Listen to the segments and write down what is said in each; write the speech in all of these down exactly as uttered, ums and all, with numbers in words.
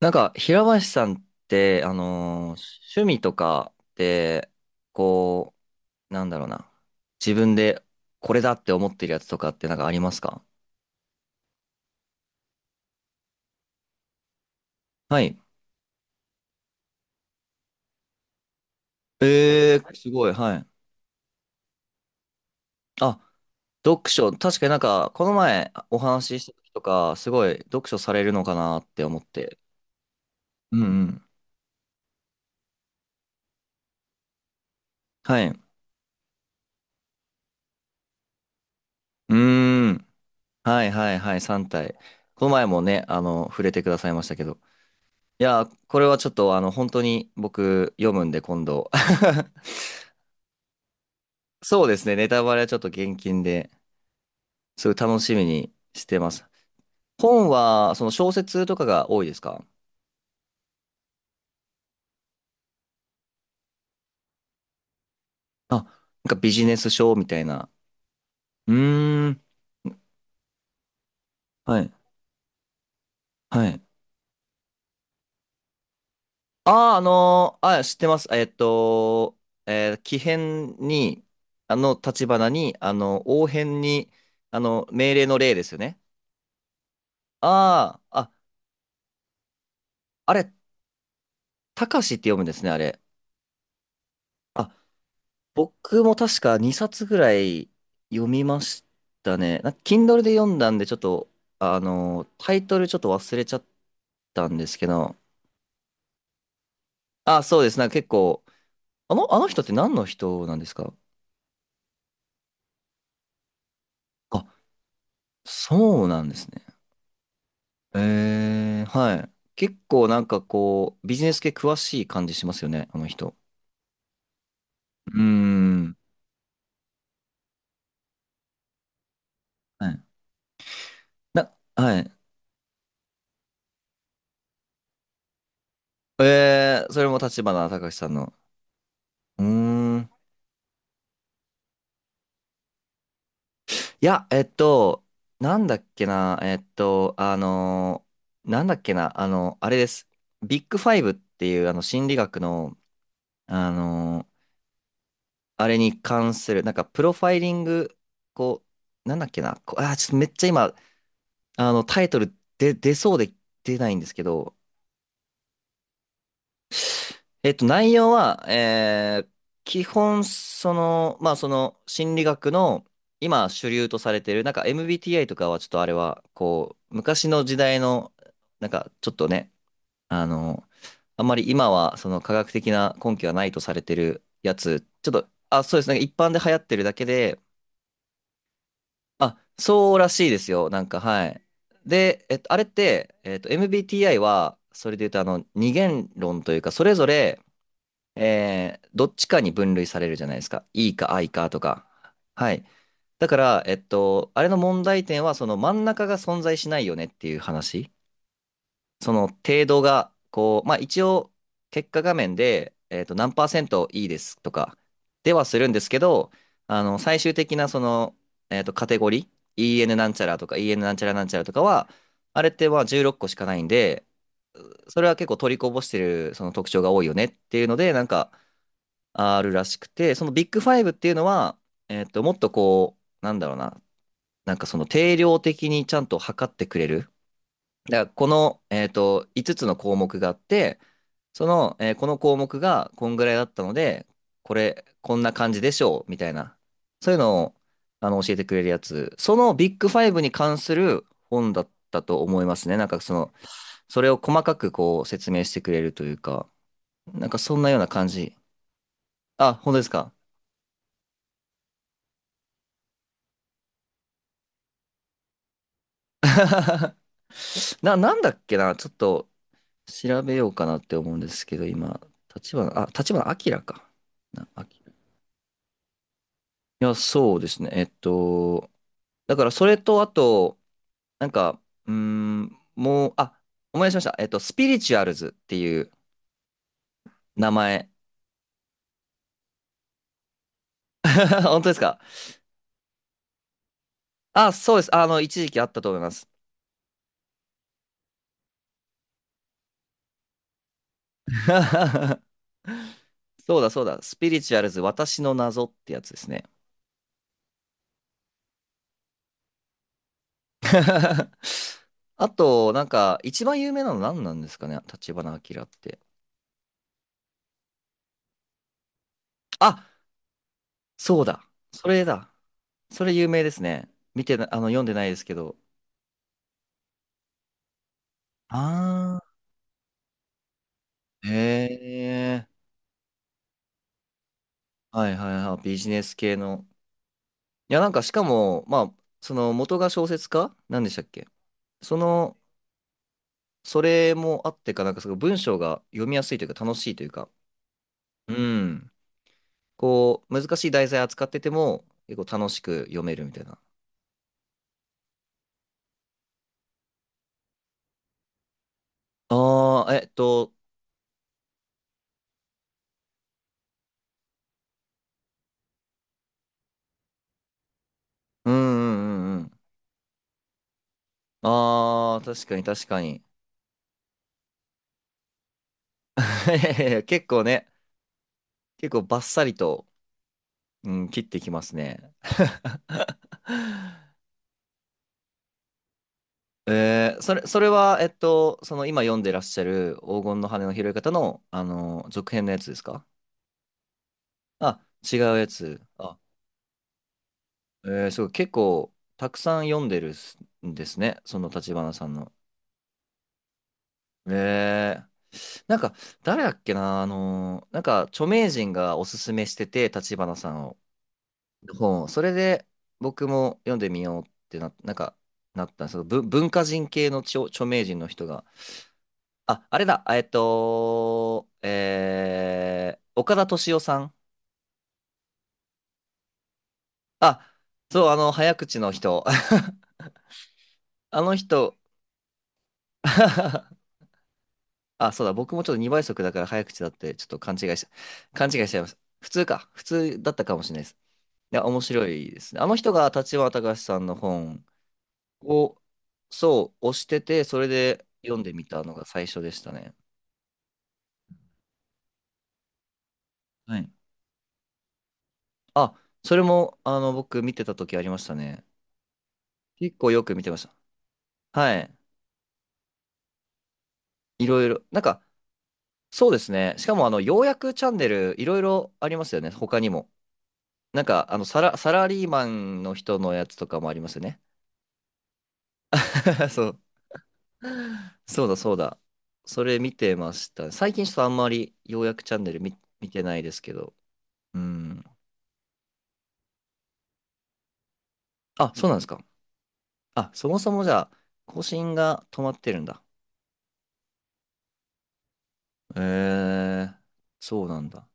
なんか、平林さんって、あのー趣味とかって、こう、なんだろうな。自分でこれだって思ってるやつとかってなんかありますか？はい。えー、すごい、はい。あ、読書、確かになんか、この前お話しした時とか、すごい読書されるのかなって思って。うんうん。はい。うーん。はいはいはい、さん体。この前もね、あの、触れてくださいましたけど。いや、これはちょっとあの、本当に僕読むんで今度。そうですね、ネタバレはちょっと厳禁で、すごい楽しみにしてます。本は、その小説とかが多いですか？あ、なんかビジネス書みたいな。うーん、はい、はい。ああ、あのーあ、知ってます。えっと、えー、木偏に、あの、立花に、あの、応変に、あの、命令の令ですよね。ああ、あ、あれ、たかしって読むんですね、あれ。あ、僕も確かにさつぐらい読みましたね。なんか キンドル で読んだんで、ちょっと、あの、タイトルちょっと忘れちゃったんですけど、あ、そうです。なんか結構、あの、あの人って何の人なんですか？あ、そうなんですね。えー、はい。結構なんかこう、ビジネス系詳しい感じしますよね、あの人。うーん。はい。な、はい。えー、それも立花隆さんの。うーん。いや、えっと、なんだっけな、えっと、あのーなんだっけな、あの、あれです。ビッグファイブっていう、あの、心理学の、あのーあれに関する、なんか、プロファイリング、こう、なんだっけな、こう、あー、ちょっとめっちゃ今、あの、タイトルで、出そうで出ないんですけど、えっと、内容は、えー基本、その、まあ、その、心理学の、今、主流とされてる、なんか エムビーティーアイ とかは、ちょっとあれは、こう、昔の時代の、なんか、ちょっとね、あの、あんまり今は、その、科学的な根拠はないとされてるやつ、ちょっと、あ、そうですね、一般で流行ってるだけで、あ、そうらしいですよ、なんか、はい。で、えっと、あれって、えっと、エムビーティーアイ は、それで言うと、あの、二元論というか、それぞれ、えーどっちかに分類されるじゃないですか。E か I かとか。はい。だから、えっと、あれの問題点は、その真ん中が存在しないよねっていう話。その程度が、こう、まあ一応、結果画面で、えっと、何パーセント E ですとか、ではするんですけど、あの、最終的なその、えっと、カテゴリー、イーエヌ なんちゃらとか イーエヌ なんちゃらなんちゃらとかは、あれってまあじゅうろっこしかないんで、それは結構取りこぼしてるその特徴が多いよねっていうので、なんか、あるらしくて、そのビッグファイブっていうのは、えっと、もっとこう、なんだろうな、なんかその定量的にちゃんと測ってくれる。だからこの、えっと、いつつつの項目があって、その、えーこの項目がこんぐらいだったので、これ、こんな感じでしょう、みたいな。そういうのを、あの、教えてくれるやつ。そのビッグファイブに関する本だったと思いますね。なんかその、それを細かくこう説明してくれるというか、なんかそんなような感じ。あ、本当ですか。な、なんだっけな、ちょっと調べようかなって思うんですけど、今、立花、あ、立花明か。な、明。いや、そうですね。えっと、だからそれと、あと、なんか、うーん、もう、あ、思い出しました。えっと、スピリチュアルズっていう名前。本当ですか？あ、そうです。あの、一時期あったと思います。そうだ、そうだ。スピリチュアルズ、私の謎ってやつですね。あと、なんか、一番有名なの何なんですかね、立花明って。あ、そうだ。それだ。それ有名ですね。見てな、あの、読んでないですけど。ああ。へえ。はいはいはい。ビジネス系の。いや、なんか、しかも、まあ、その、元が小説家なんでしたっけ？その、それもあってか、なんか、すごい文章が読みやすいというか、楽しいというか。うん。こう、難しい題材扱ってても、結構楽しく読めるみたいな。ああ、えっと、うんうんうんうん。ああ、確かに確かに。いやいや結構ね、結構バッサリと、うん、切ってきますね。えー、それ、それは、えっと、その今読んでらっしゃる黄金の羽の拾い方の、あの、続編のやつですか？あ、違うやつ。あ、えー、すごい、結構、たくさん読んでるすんですね、その立花さんの。えー、なんか、誰だっけな、あの、なんか、著名人がおすすめしてて、立花さんを。本を、それで僕も読んでみようってな、なんか、なったんですぶ文文化人系の著、著名人の人が、あ、あれだ、えっと、えー、岡田敏夫さん。あ、そう、あの、早口の人。あの人、あ、そうだ、僕もちょっとにばい速だから早口だって、ちょっと勘違いし、勘違いしちゃいました。普通か、普通だったかもしれないです。いや、面白いですね。あの人が立花隆さんの本を、そう、押してて、それで読んでみたのが最初でしたね。はい。あ、それも、あの、僕見てた時ありましたね。結構よく見てました。はい。いろいろ。なんか、そうですね。しかも、あの、ようやくチャンネル、いろいろありますよね。他にも。なんか、あの、サラ、サラリーマンの人のやつとかもありますよね。そう。そうだ、そうだ。それ見てました。最近ちょっとあんまり、ようやくチャンネル見、見てないですけど。うん。あ、そうなんですか。あ、そもそもじゃあ、更新が止まってるんだ。えー、そうなんだ。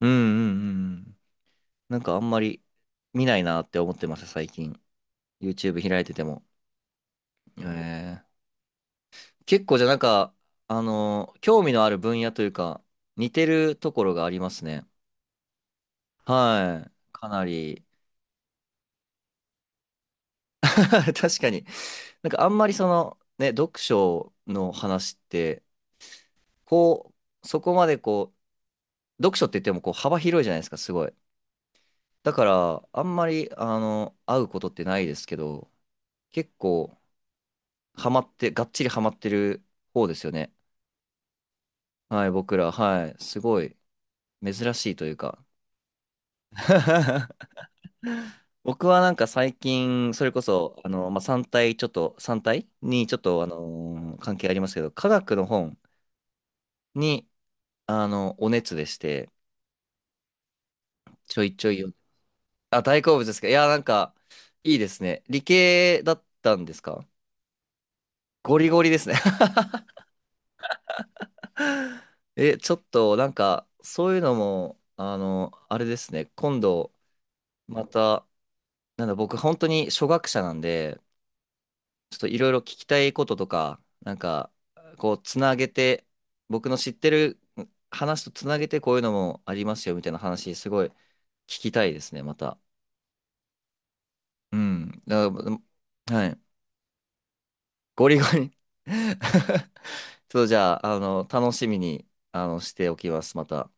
うんうんうんうん。なんかあんまり見ないなって思ってます最近。ユーチューブ 開いてても。えー、結構じゃあなんか、あのー興味のある分野というか、似てるところがありますね。はい。かなり。確かに。なんかあんまりその、ね、読書の話って、こう、そこまでこう、読書って言ってもこう幅広いじゃないですか、すごい。だから、あんまり、あの、会うことってないですけど、結構、ハマって、がっちりハマってる方ですよね。はい、僕ら、はい、すごい、珍しいというか。僕はなんか最近、それこそ、あの、まあ、さん体、ちょっと、さん体に、ちょっと、あのー関係ありますけど、科学の本に、あの、お熱でして、ちょいちょい読んで、あ、大好物ですか。いや、なんか、いいですね。理系だったんですか？ゴリゴリですね。え、ちょっとなんか、そういうのも、あの、あれですね、今度、また、なんだ、僕、本当に初学者なんで、ちょっといろいろ聞きたいこととか、なんか、こう、つなげて、僕の知ってる話とつなげて、こういうのもありますよ、みたいな話、すごい聞きたいですね、また。うん。だからはい。ゴリゴリ そう、じゃあ、あの、楽しみに、あの、しておきます、また。